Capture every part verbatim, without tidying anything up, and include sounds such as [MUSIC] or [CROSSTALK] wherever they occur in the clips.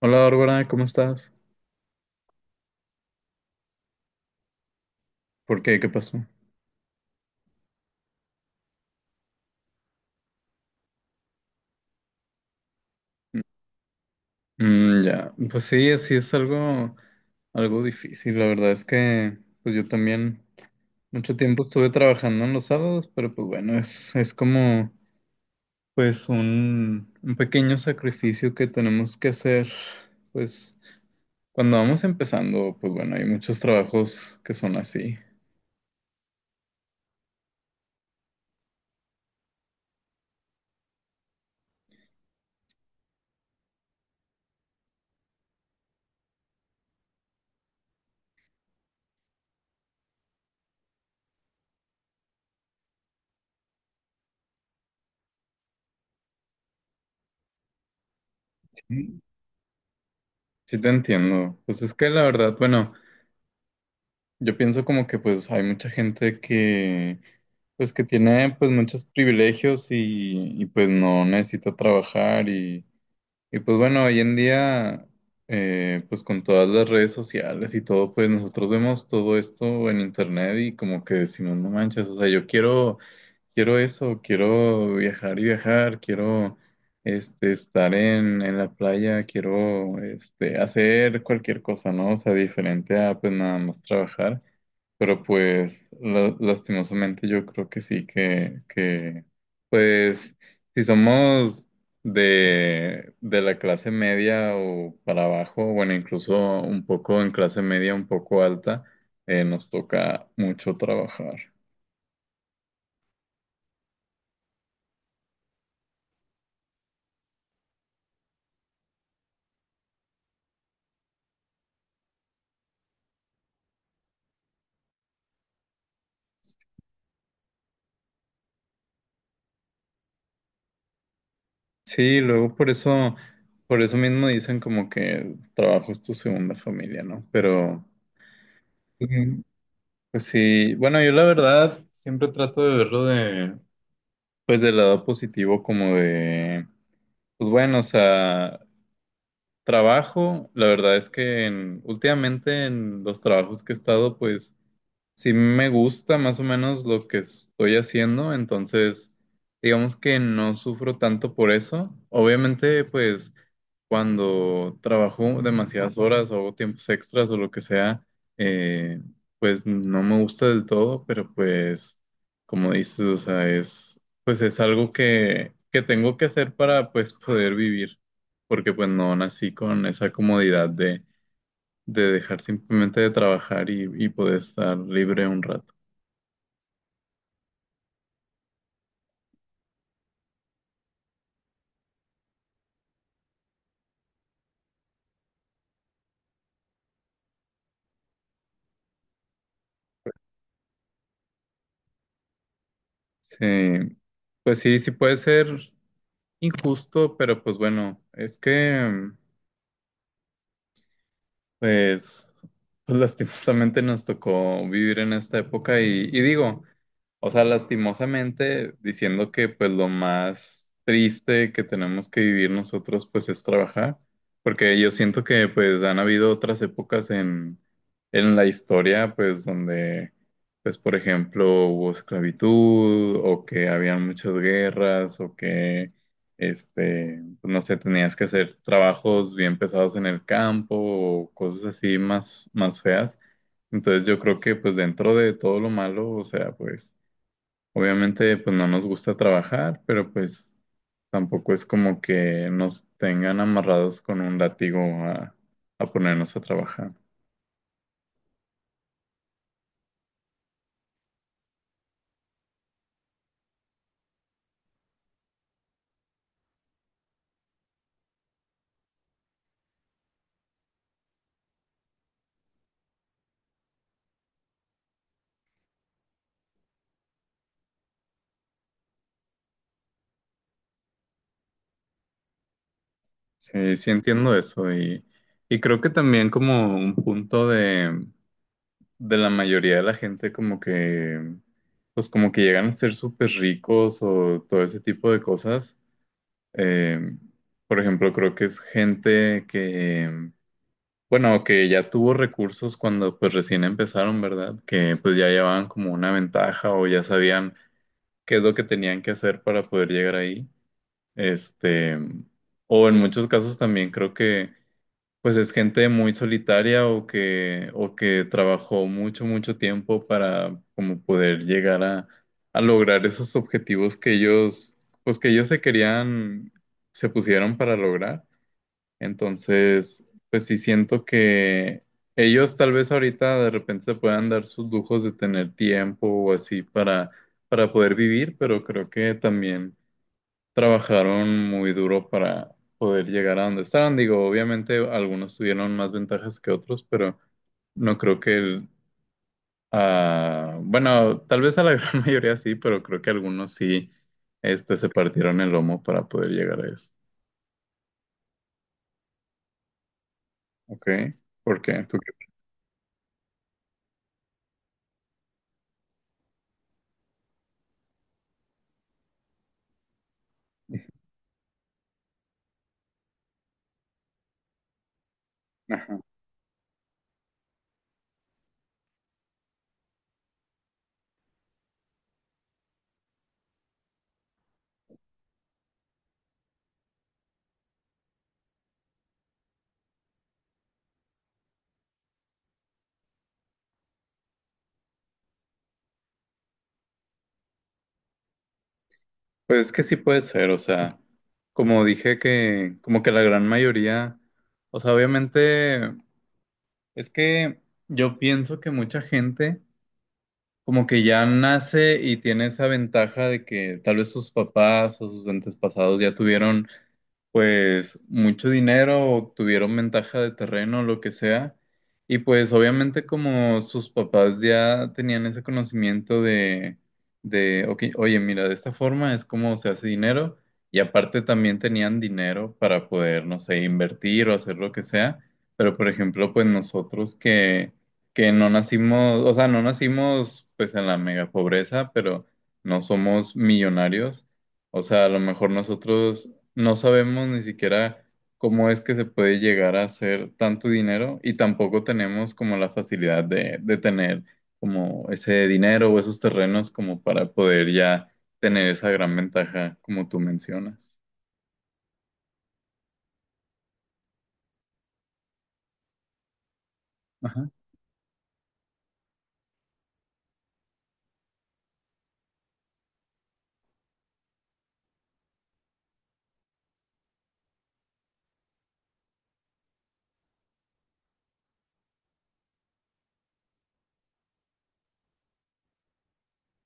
Hola Bárbara, ¿cómo estás? ¿Por qué? ¿Qué pasó? Mm, ya, pues sí, así es algo, algo difícil. La verdad es que, pues yo también mucho tiempo estuve trabajando en los sábados, pero pues bueno, es, es como, pues un, un pequeño sacrificio que tenemos que hacer. Pues cuando vamos empezando, pues bueno, hay muchos trabajos que son así. Sí, sí te entiendo. Pues es que la verdad, bueno, yo pienso como que pues hay mucha gente que Pues que tiene pues muchos privilegios y, y, pues no necesita trabajar y, y, pues bueno, hoy en día eh, pues con todas las redes sociales y todo, pues nosotros vemos todo esto en internet y como que decimos, no manches, o sea, yo quiero, quiero eso, quiero viajar y viajar, quiero este, estar en, en la playa, quiero este, hacer cualquier cosa, ¿no? O sea, diferente a pues nada más trabajar. Pero pues la- lastimosamente yo creo que sí, que, que pues si somos de, de la clase media o para abajo, bueno, incluso un poco en clase media, un poco alta, eh, nos toca mucho trabajar. Sí, luego por eso, por eso mismo dicen como que el trabajo es tu segunda familia, ¿no? Pero. Ujú. Pues sí, bueno, yo la verdad siempre trato de verlo de, pues del lado positivo como de. Pues bueno, o sea, trabajo, la verdad es que en- últimamente en los trabajos que he estado, pues sí me gusta más o menos lo que estoy haciendo, entonces digamos que no sufro tanto por eso. Obviamente, pues cuando trabajo demasiadas horas o hago tiempos extras o lo que sea, eh, pues no me gusta del todo, pero pues como dices, o sea, es pues es algo que, que tengo que hacer para pues poder vivir, porque pues no nací con esa comodidad de dejar simplemente de trabajar y, y poder estar libre un rato. Sí, pues sí, sí puede ser injusto, pero pues bueno, es que, mm, Pues, pues lastimosamente nos tocó vivir en esta época y, y digo, o sea, lastimosamente diciendo que pues lo más triste que tenemos que vivir nosotros pues es trabajar, porque yo siento que pues han habido otras épocas en, en la historia pues donde pues por ejemplo hubo esclavitud o que habían muchas guerras o que este, pues, no sé, tenías que hacer trabajos bien pesados en el campo o cosas así más, más feas. Entonces yo creo que pues dentro de todo lo malo, o sea, pues obviamente pues no nos gusta trabajar, pero pues tampoco es como que nos tengan amarrados con un látigo a, a ponernos a trabajar. Sí, sí entiendo eso y, y creo que también como un punto de de la mayoría de la gente como que, pues como que llegan a ser súper ricos o todo ese tipo de cosas. Eh, por ejemplo, creo que es gente que, bueno, que ya tuvo recursos cuando pues recién empezaron, ¿verdad? Que pues ya llevaban como una ventaja o ya sabían qué es lo que tenían que hacer para poder llegar ahí. Este, o en muchos casos también creo que pues es gente muy solitaria o que, o que trabajó mucho, mucho tiempo para como poder llegar a, a lograr esos objetivos que ellos, pues que ellos se querían, se pusieron para lograr. Entonces, pues sí siento que ellos tal vez ahorita de repente se puedan dar sus lujos de tener tiempo o así para, para poder vivir, pero creo que también trabajaron muy duro para poder llegar a donde estaban. Digo, obviamente algunos tuvieron más ventajas que otros, pero no creo que el, ah, bueno, tal vez a la [LAUGHS] gran mayoría sí, pero creo que algunos sí, este, se partieron el lomo para poder llegar a eso. ¿Ok? ¿Por qué? ¿Tú qué- Ajá. Pues es que sí puede ser, o sea, como dije que, como que la gran mayoría, o sea, obviamente es que yo pienso que mucha gente como que ya nace y tiene esa ventaja de que tal vez sus papás o sus antepasados ya tuvieron pues mucho dinero o tuvieron ventaja de terreno, lo que sea. Y pues obviamente como sus papás ya tenían ese conocimiento de, de ok, oye, mira, de esta forma es como se hace dinero. Y aparte también tenían dinero para poder, no sé, invertir o hacer lo que sea. Pero por ejemplo, pues nosotros que, que no nacimos, o sea, no nacimos pues en la mega pobreza, pero no somos millonarios, o sea, a lo mejor nosotros no sabemos ni siquiera cómo es que se puede llegar a hacer tanto dinero y tampoco tenemos como la facilidad de, de tener como ese dinero o esos terrenos como para poder ya tener esa gran ventaja como tú mencionas. Ajá.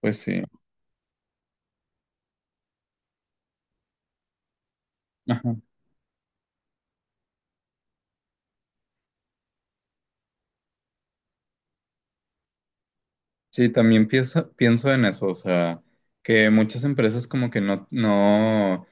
Pues sí. Ajá. Sí, también pienso, pienso en eso, o sea, que muchas empresas como que no, no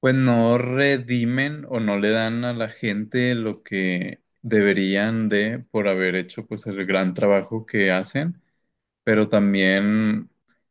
Pues no redimen o no le dan a la gente lo que deberían de por haber hecho pues el gran trabajo que hacen. Pero también,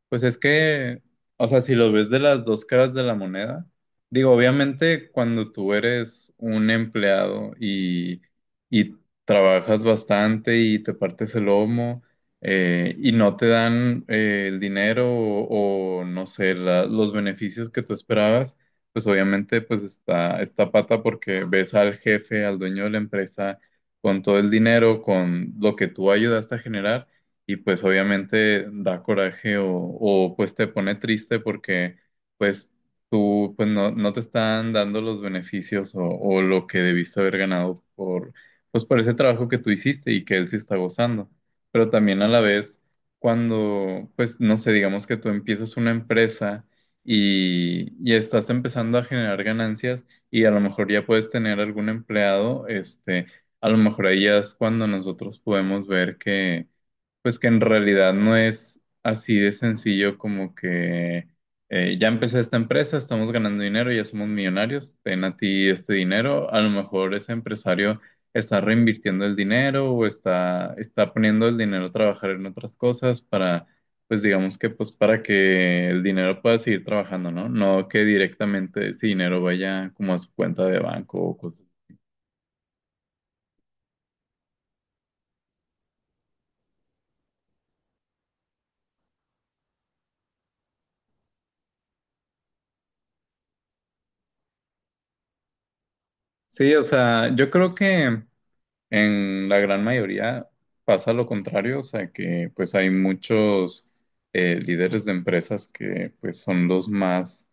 pues es que, o sea, si lo ves de las dos caras de la moneda, digo, obviamente cuando tú eres un empleado y, y trabajas bastante y te partes el lomo, eh, y no te dan eh, el dinero o, o, no sé, la- los beneficios que tú esperabas, pues obviamente pues está, está pata porque ves al jefe, al dueño de la empresa con todo el dinero, con lo que tú ayudaste a generar y pues obviamente da coraje o, o, pues te pone triste porque pues tú pues no, no te están dando los beneficios o, o lo que debiste haber ganado por pues por ese trabajo que tú hiciste y que él sí está gozando. Pero también a la vez cuando pues no sé, digamos que tú empiezas una empresa y, y estás empezando a generar ganancias y a lo mejor ya puedes tener algún empleado, este, a lo mejor ahí ya es cuando nosotros podemos ver que pues que en realidad no es así de sencillo como que eh, ya empecé esta empresa, estamos ganando dinero, ya somos millonarios, ten a ti este dinero. A lo mejor ese empresario está reinvirtiendo el dinero o está, está poniendo el dinero a trabajar en otras cosas para, pues digamos que pues para que el dinero pueda seguir trabajando, ¿no? No que directamente ese dinero vaya como a su cuenta de banco o cosas. Sí, o sea, yo creo que en la gran mayoría pasa lo contrario, o sea que pues hay muchos eh, líderes de empresas que pues son los más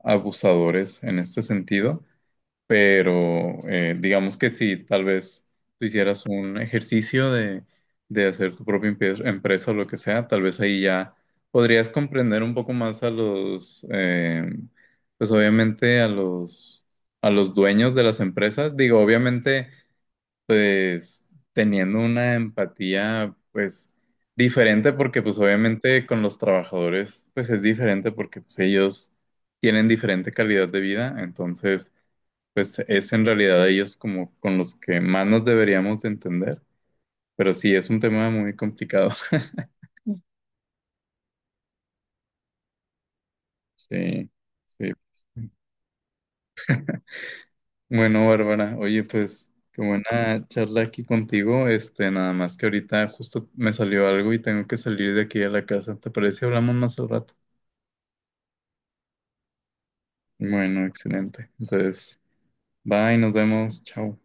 abusadores en este sentido, pero eh, digamos que si tal vez tú hicieras un ejercicio de, de hacer tu propia empe- empresa o lo que sea, tal vez ahí ya podrías comprender un poco más a los, eh, pues obviamente a los, a los dueños de las empresas, digo, obviamente pues teniendo una empatía pues diferente porque pues obviamente con los trabajadores pues es diferente porque pues ellos tienen diferente calidad de vida, entonces pues es en realidad ellos como con los que más nos deberíamos de entender, pero sí es un tema muy complicado. [LAUGHS] Sí, sí. Bueno, Bárbara, oye, pues qué buena charla aquí contigo. Este, nada más que ahorita justo me salió algo y tengo que salir de aquí a la casa. ¿Te parece? Hablamos más al rato. Bueno, excelente. Entonces, bye, nos vemos. Chao.